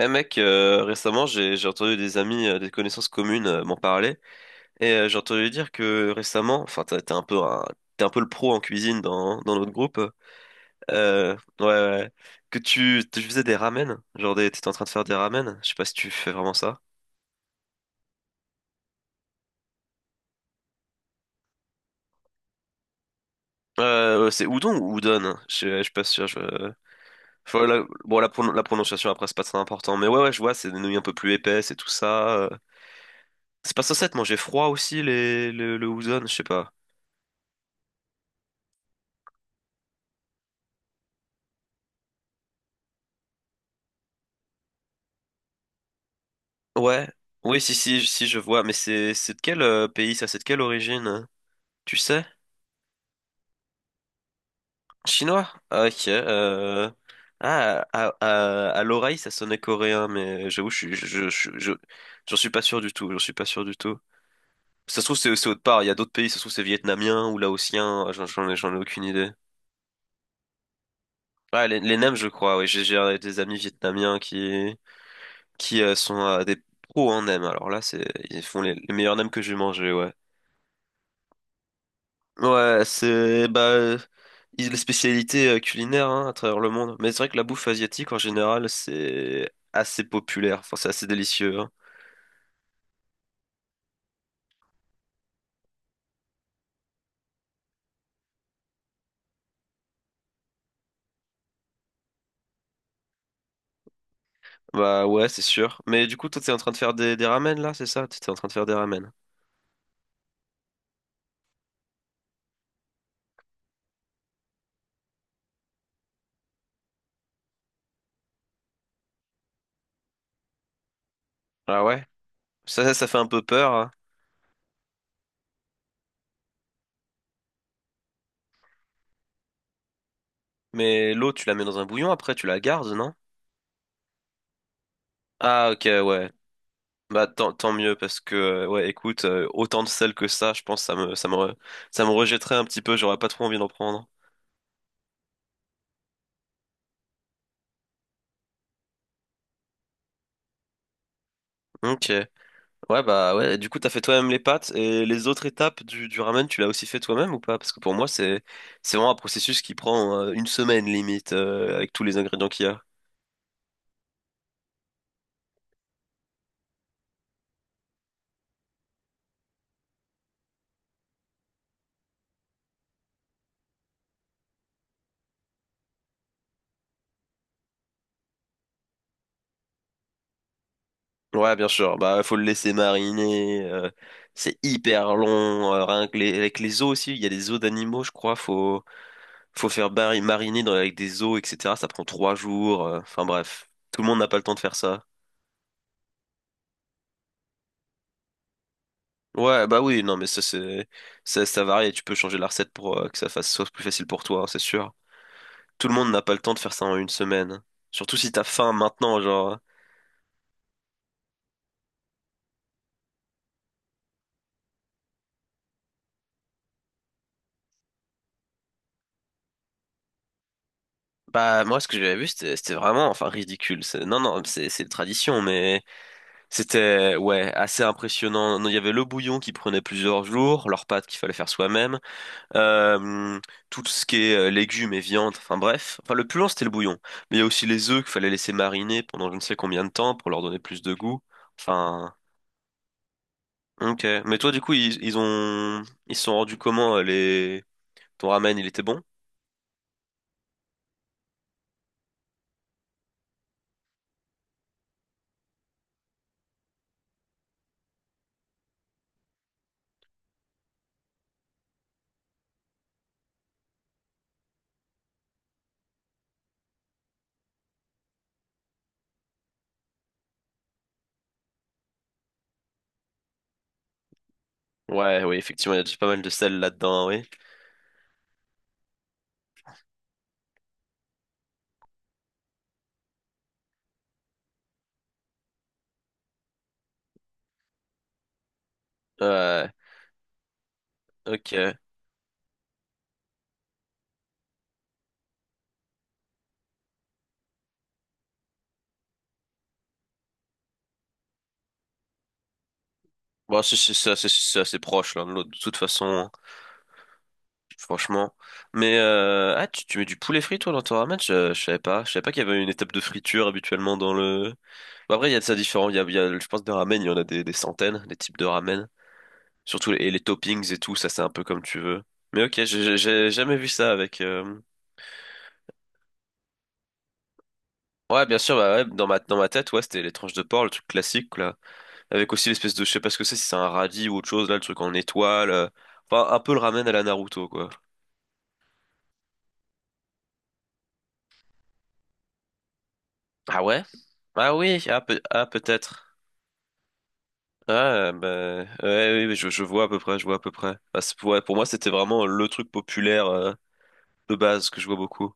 Eh mec, récemment j'ai entendu des amis, des connaissances communes m'en parler et j'ai entendu dire que récemment, enfin t'es un peu le pro en cuisine dans notre groupe, ouais, ouais, ouais. Que tu faisais des ramen, genre t'étais en train de faire des ramen, je sais pas si tu fais vraiment ça. Ouais, c'est udon ou udon, hein. Je suis pas sûr. Faut bon, la prononciation après c'est pas très important, mais ouais, ouais, je vois, c'est des nouilles un peu plus épaisses et tout ça. C'est pas censé être manger froid aussi le udon, je sais pas. Ouais, oui, si, si, si, je vois, mais c'est de quel pays ça? C'est de quelle origine, hein? Tu sais? Chinois? Ah, ok. Ah, à l'oreille, ça sonnait coréen, mais j'avoue, je, suis- je- j'en suis pas sûr du tout. J'en suis pas sûr du tout. Ça se trouve, c'est autre part. Il y a d'autres pays, ça se trouve, c'est vietnamien ou laotien. Ah, J'en ai aucune idée. Ouais, les nems, je crois. Oui, j'ai des amis vietnamiens qui sont des pros en nems. Alors là, ils font les meilleurs nems que j'ai mangés, ouais. Ouais, les spécialités culinaires, hein, à travers le monde. Mais c'est vrai que la bouffe asiatique en général c'est assez populaire. Enfin, c'est assez délicieux, hein. Bah ouais, c'est sûr. Mais du coup, toi t'es en train de faire des ramen là, c'est ça? T'es en train de faire des ramen. Ah ouais. Ça fait un peu peur, hein. Mais l'eau, tu la mets dans un bouillon après, tu la gardes, non? Ah ok, ouais. Bah tant mieux, parce que ouais, écoute, autant de sel que ça, je pense ça me rejetterait un petit peu, j'aurais pas trop envie d'en prendre. Ok, ouais, bah ouais, du coup t'as fait toi-même les pâtes, et les autres étapes du ramen, tu l'as aussi fait toi-même ou pas? Parce que pour moi, c'est vraiment un processus qui prend une semaine limite, avec tous les ingrédients qu'il y a. Ouais, bien sûr. Bah, faut le laisser mariner, c'est hyper long. Rien que avec les os aussi, il y a des os d'animaux, je crois. Faut faire mariner avec des os, etc. Ça prend trois jours. Enfin bref, tout le monde n'a pas le temps de faire ça. Ouais, bah oui, non, mais ça varie. Et tu peux changer la recette pour que ça fasse soit plus facile pour toi, hein, c'est sûr. Tout le monde n'a pas le temps de faire ça en une semaine. Surtout si t'as faim maintenant, genre. Bah moi, ce que j'avais vu, c'était vraiment, enfin, ridicule. Non, non, c'est une tradition, mais. C'était, ouais, assez impressionnant. Non, il y avait le bouillon qui prenait plusieurs jours, leurs pâtes qu'il fallait faire soi-même, euh, tout ce qui est légumes et viande, enfin bref. Enfin, le plus long, c'était le bouillon. Mais il y a aussi les œufs qu'il fallait laisser mariner pendant je ne sais combien de temps pour leur donner plus de goût. Enfin, ok. Mais toi, du coup, ils se sont rendus comment, ton ramen, il était bon? Ouais, oui, effectivement, il y a déjà pas mal de sel là-dedans, oui. Ouais, ok. Bon, ça c'est assez proche l'un de l'autre, de toute façon, franchement. Mais ah, tu mets du poulet frit toi dans ton ramen? Je savais pas. Je savais pas qu'il y avait une étape de friture habituellement dans le. Bon, après, il y a de ça différent. Je pense, des ramen, il y en a des centaines, des types de ramen. Surtout et les toppings et tout, ça c'est un peu comme tu veux. Mais ok, j'ai jamais vu ça avec. Ouais, bien sûr, bah ouais, dans ma tête, ouais, c'était les tranches de porc, le truc classique, là. Avec aussi l'espèce de, je sais pas ce que c'est, si c'est un radis ou autre chose, là, le truc en étoile. Enfin, un peu le ramen à la Naruto, quoi. Ah ouais? Ah oui, ah, peut-être. Ah, ben, ouais, oui, je vois à peu près, je vois à peu près. Bah, ouais, pour moi, c'était vraiment le truc populaire de base que je vois beaucoup.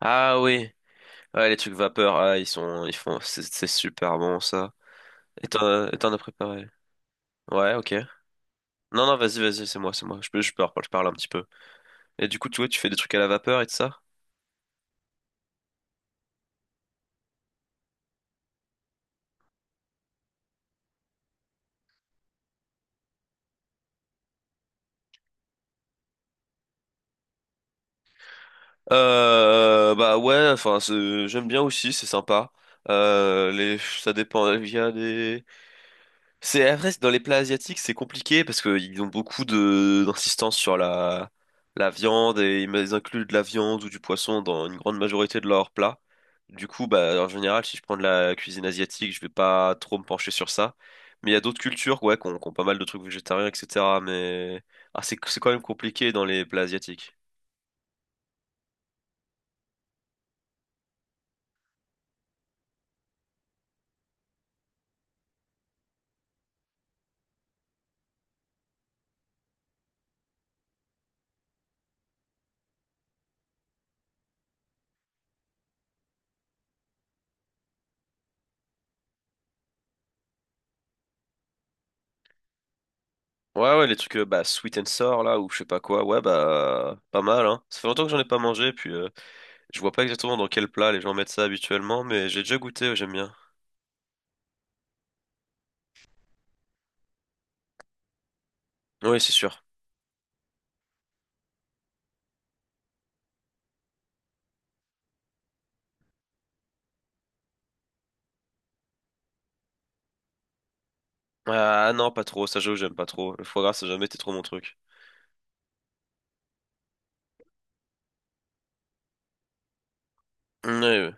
Ah oui, ouais, les trucs vapeur, ah, ils font, c'est super bon ça. Et t'en as préparé? Ouais, ok. Non, non, vas-y, vas-y, c'est moi, c'est moi. Je peux, je peux, je parle un petit peu. Et du coup, tu vois, tu fais des trucs à la vapeur et tout ça? Bah ouais, enfin, j'aime bien aussi, c'est sympa. Ça dépend. Il y a des, C'est après, dans les plats asiatiques, c'est compliqué parce qu'ils ont beaucoup de d'insistance sur la viande, et ils incluent de la viande ou du poisson dans une grande majorité de leurs plats. Du coup, bah en général, si je prends de la cuisine asiatique, je vais pas trop me pencher sur ça. Mais il y a d'autres cultures, ouais, qui ont pas mal de trucs végétariens, etc. Mais ah, c'est quand même compliqué dans les plats asiatiques. Ouais, ouais, les trucs, bah sweet and sour là, ou je sais pas quoi, ouais, bah pas mal, hein. Ça fait longtemps que j'en ai pas mangé, puis. Je vois pas exactement dans quel plat les gens mettent ça habituellement, mais j'ai déjà goûté, j'aime bien. Oui, c'est sûr. Ah non, pas trop, ça j'avoue, j'aime pas trop. Le foie gras, ça a jamais été trop mon truc. Oui, oui.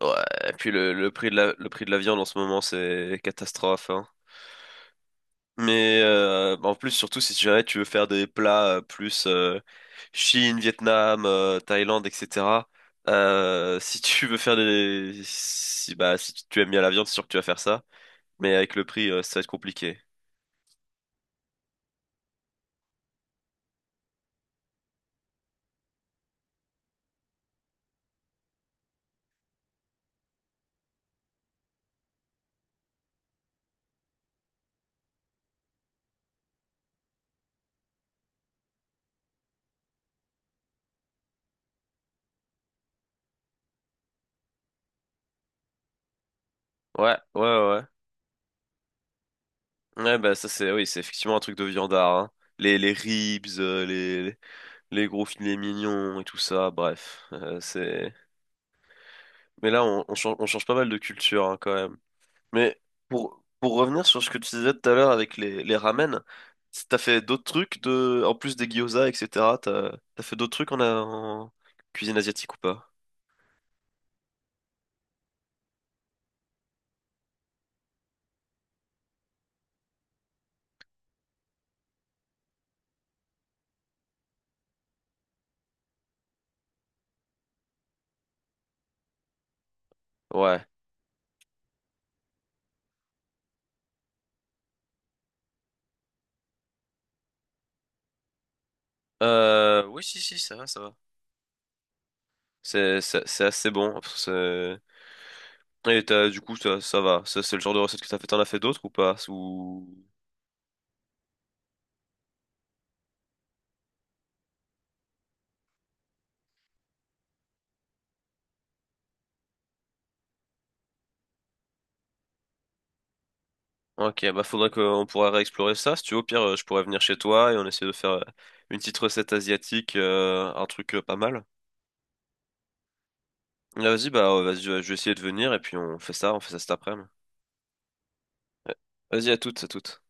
Ouais, et puis le le prix de la viande en ce moment, c'est catastrophe, hein. Mais en plus, surtout si jamais tu veux faire des plats plus, Chine, Vietnam, Thaïlande, etc. Si tu veux faire des... Si, Bah, si tu aimes bien la viande, c'est sûr que tu vas faire ça. Mais avec le prix, ça va être compliqué. Ouais, ouais, ouais. Ouais, bah ça c'est oui, c'est effectivement un truc de viandard, hein. Les ribs, les gros filets mignons et tout ça, bref. Mais là, on change pas mal de culture, hein, quand même. Mais pour revenir sur ce que tu disais tout à l'heure avec les ramen, t'as fait d'autres trucs en plus des gyoza, etc. T'as fait d'autres trucs en cuisine asiatique ou pas? Ouais. Oui, si, si, ça va, ça va. C'est assez bon. Et du coup, ça va. Ça, c'est le genre de recette que t'as fait. T'en as fait d'autres ou pas? Ok, bah faudrait qu'on pourra réexplorer ça. Si tu veux, au pire, je pourrais venir chez toi et on essaie de faire une petite recette asiatique, un truc pas mal. Ah, vas-y, bah vas-y, je vais essayer de venir et puis on fait ça cet après-midi. Vas-y, à toutes, à toutes.